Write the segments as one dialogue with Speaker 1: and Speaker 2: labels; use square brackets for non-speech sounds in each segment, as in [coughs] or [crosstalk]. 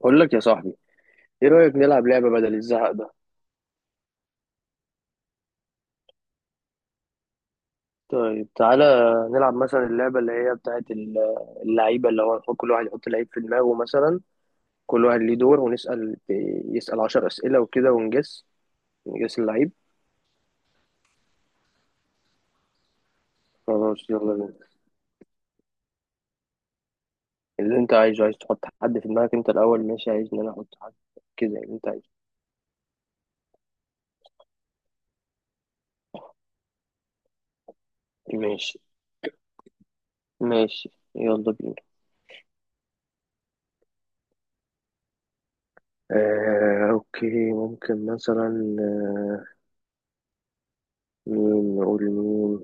Speaker 1: بقول لك يا صاحبي، ايه رأيك نلعب لعبة بدل الزهق ده؟ طيب تعالى نلعب مثلا اللعبة اللي هي اللعيبة اللي هو كل واحد يحط لعيب في دماغه مثلا. كل واحد ليه دور، ونسأل، يسأل عشر أسئلة وكده ونجس. نجس اللعيب. خلاص يلا بينا. اللي انت عايزه، عايز تحط حد في دماغك انت الأول؟ ماشي، عايز ان انا احط حد كده اللي انت عايزه. ماشي ماشي يلا بينا. اوكي، ممكن مثلا، مين نقول مين؟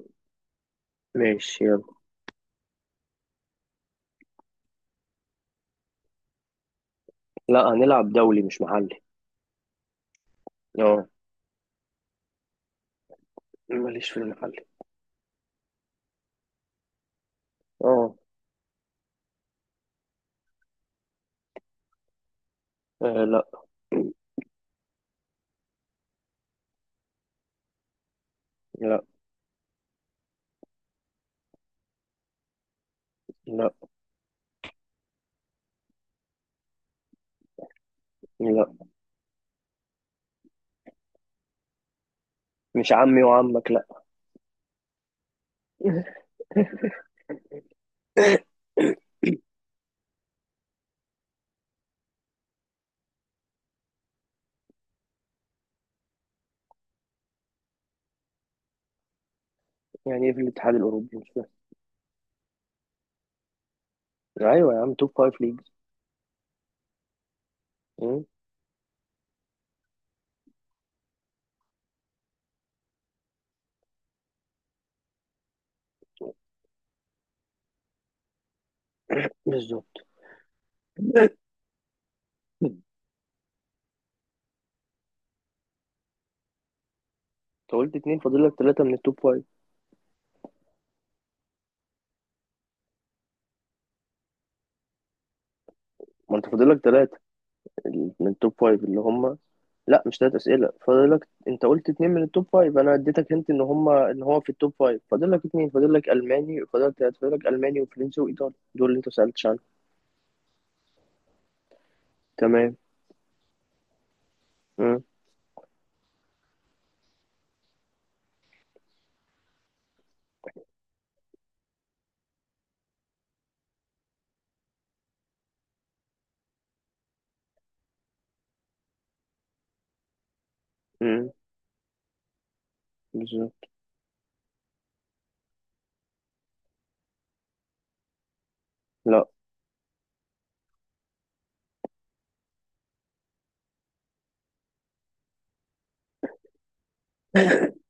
Speaker 1: ماشي يلا. لا، هنلعب دولي مش محلي. اه، ماليش في المحل. اه. لا. لا. لا. لا، مش عمي وعمك. لا. [coughs] يعني ايه في الاتحاد الاوروبي؟ مش فاهم. ايوه يا عم، توب فايف ليجز. مم، بالظبط. [coughs] انت قلت اتنين، فاضل لك ثلاثة من التوب فايف. ما انت فاضل لك ثلاثة من التوب فايف اللي هم. لا، مش ثلاث اسئلة فاضل لك، انت قلت اتنين من التوب فايف، انا اديتك انت ان هم ان هو في التوب فايف، فاضل لك اتنين، فاضل لك الماني، فاضل لك ثلاثة، فاضل لك الماني وفرنسي وايطالي، دول اللي انت سألتش عنهم. تمام. مم. مم، بالظبط. لا. [laughs]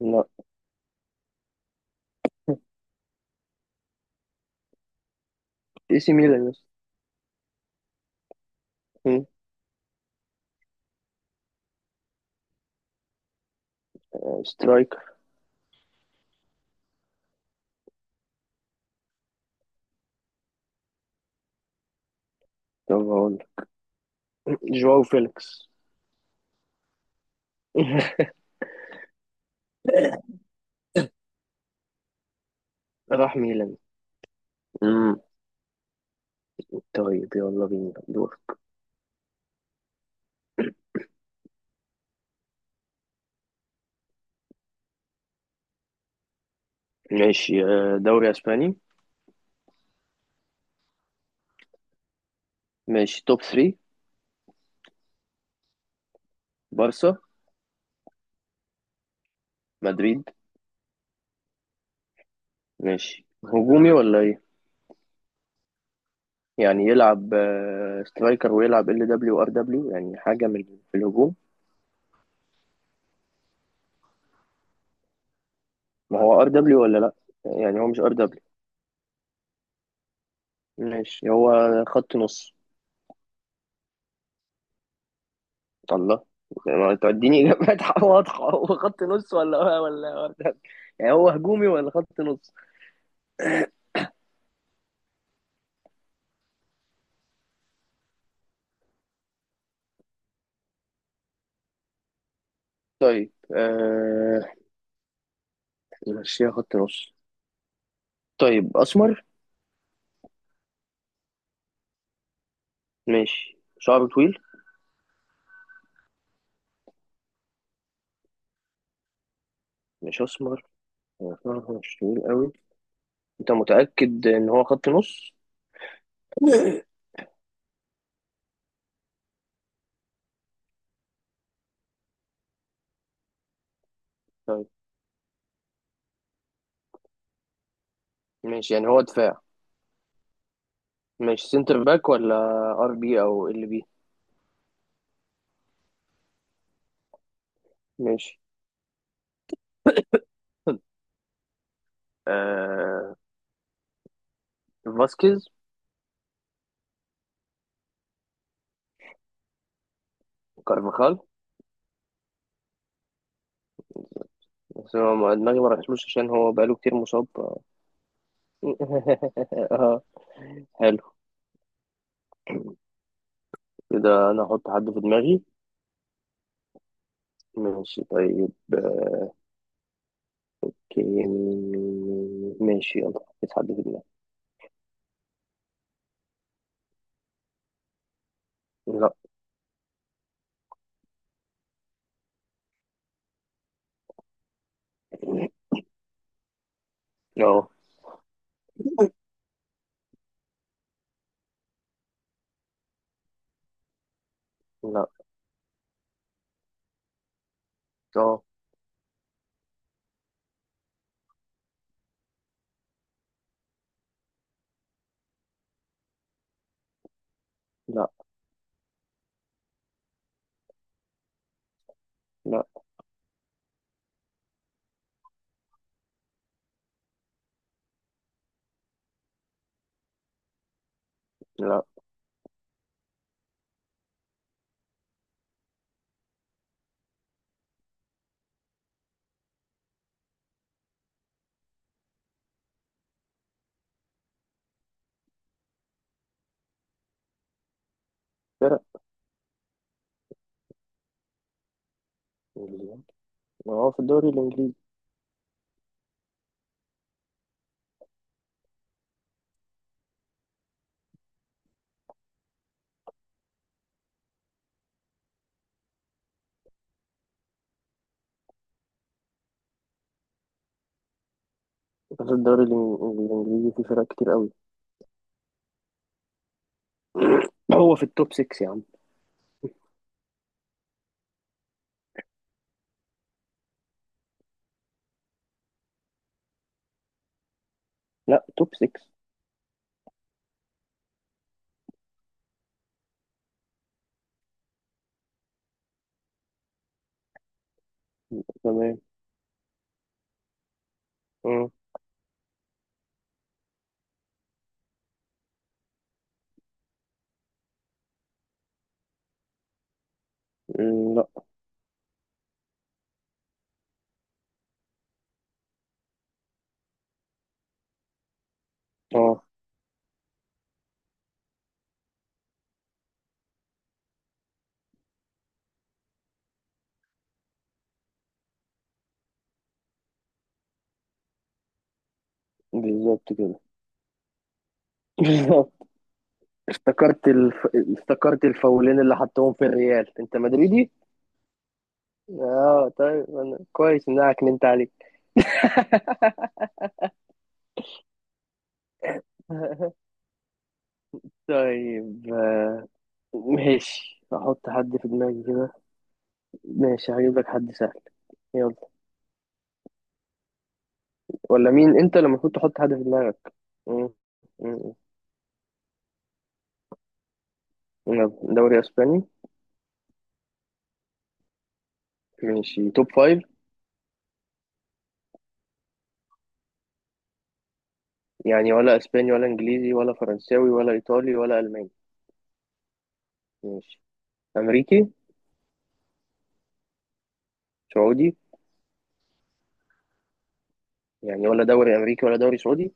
Speaker 1: لا. اي سي ميلان، يس. مم. سترايكر. طب هقول لك. جواو فيليكس. [laughs] راح ميلان. مم. طيب يلا بينا دور. ماشي، دوري اسباني. ماشي، توب 3. بارسا. مدريد. ماشي، هجومي ولا ايه؟ يعني يلعب سترايكر، ويلعب ال دبليو ار دبليو، يعني حاجه من في الهجوم. ما هو ار دبليو ولا لا؟ يعني هو مش ار دبليو. ماشي، هو خط نص. الله، ما توديني اجابات [laughs] واضحه، هو خط نص ولا ولا؟ يعني هو هجومي ولا خط نص؟ طيب، آه... نمشيها خط نص. طيب، اسمر؟ ماشي، شعره طويل؟ مش اسمر. هو شعره مش طويل قوي. انت متاكد ان هو خط نص؟ [laughs] طيب، ماشي، يعني هو دفاع. ماشي، سنتر باك ولا ار بي او ال بي؟ ماشي. [laughs] آه... فاسكيز. كارفاخال. بس هو دماغي ما رحتلوش عشان هو بقاله كتير مصاب. [laughs] اه، حلو. كده انا احط حد في دماغي. ماشي طيب. اوكي، مين؟ ماشي يلا، حط حد في دماغي. لا. اه. لا. اه. لا. لا. لا. فرق. انجليزي. هو في الدوري الانجليزي. في الدوري الانجليزي في فرق كتير قوي. هو في التوب 6 يا عم. لا، توب 6. تمام. اه. أمم، لا. اه، بالظبط كده. [laughs] بالظبط. افتكرت افتكرت الفاولين اللي حطهم في الريال، انت مدريدي. اه، طيب، أنا كويس ان انا عكننت عليك. [laughs] طيب، آه، ماشي، احط حد في دماغي كده. ماشي، هجيب لك حد سهل. يلا. ولا مين؟ انت اللي المفروض تحط حد في دماغك. مم. مم. يلا، دوري اسباني. ماشي، توب فايف. يعني ولا اسباني ولا انجليزي ولا فرنساوي ولا ايطالي ولا الماني. ماشي. امريكي. سعودي. يعني ولا دوري امريكي ولا دوري سعودي.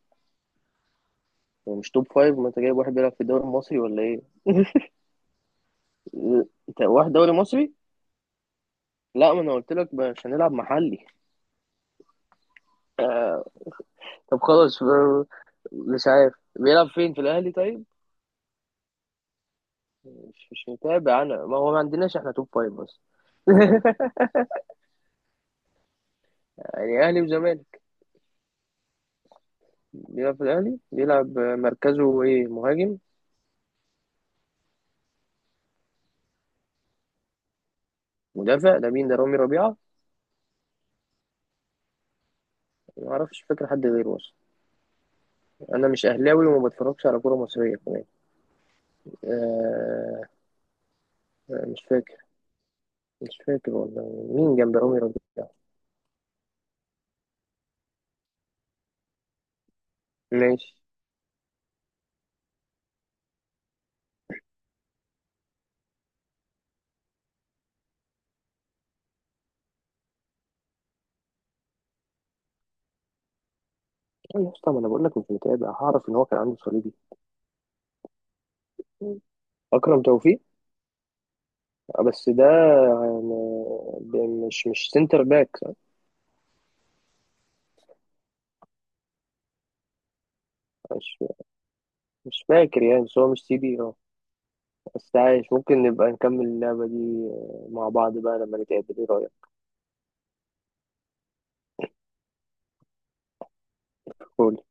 Speaker 1: ومش توب فايف. ما انت جايب واحد بيلعب في الدوري المصري ولا ايه؟ انت واحد دوري مصري. لا، ما انا قلت لك مش هنلعب محلي. آه، طب خلاص، مش عارف بيلعب فين، في الاهلي طيب؟ مش متابع انا، ما هو ما عندناش احنا توب فايف بس. [laughs] يعني اهلي وزمالك؟ بيلعب في الاهلي، بيلعب مركزه ايه، مهاجم؟ مدافع، ده مين، ده رامي ربيعه؟ ما اعرفش، فاكر حد غيره اصلا؟ انا مش اهلاوي وما بتفرجش على كوره مصريه كمان. آه آه، مش فاكر. مش فاكر والله. مين جنب رامي ربيعه؟ ماشي. أيوة يا اسطى، ما انا بقول لك مش متابع، هعرف ان هو كان عنده صليبي؟ اكرم توفيق. بس ده يعني مش سنتر باك. مش مش فاكر يعني، بس هو مش سي بي. اه، بس عايش، ممكن نبقى نكمل اللعبة دي آه، مع بعض بقى لما نتقابل، ايه رأيك؟ قول.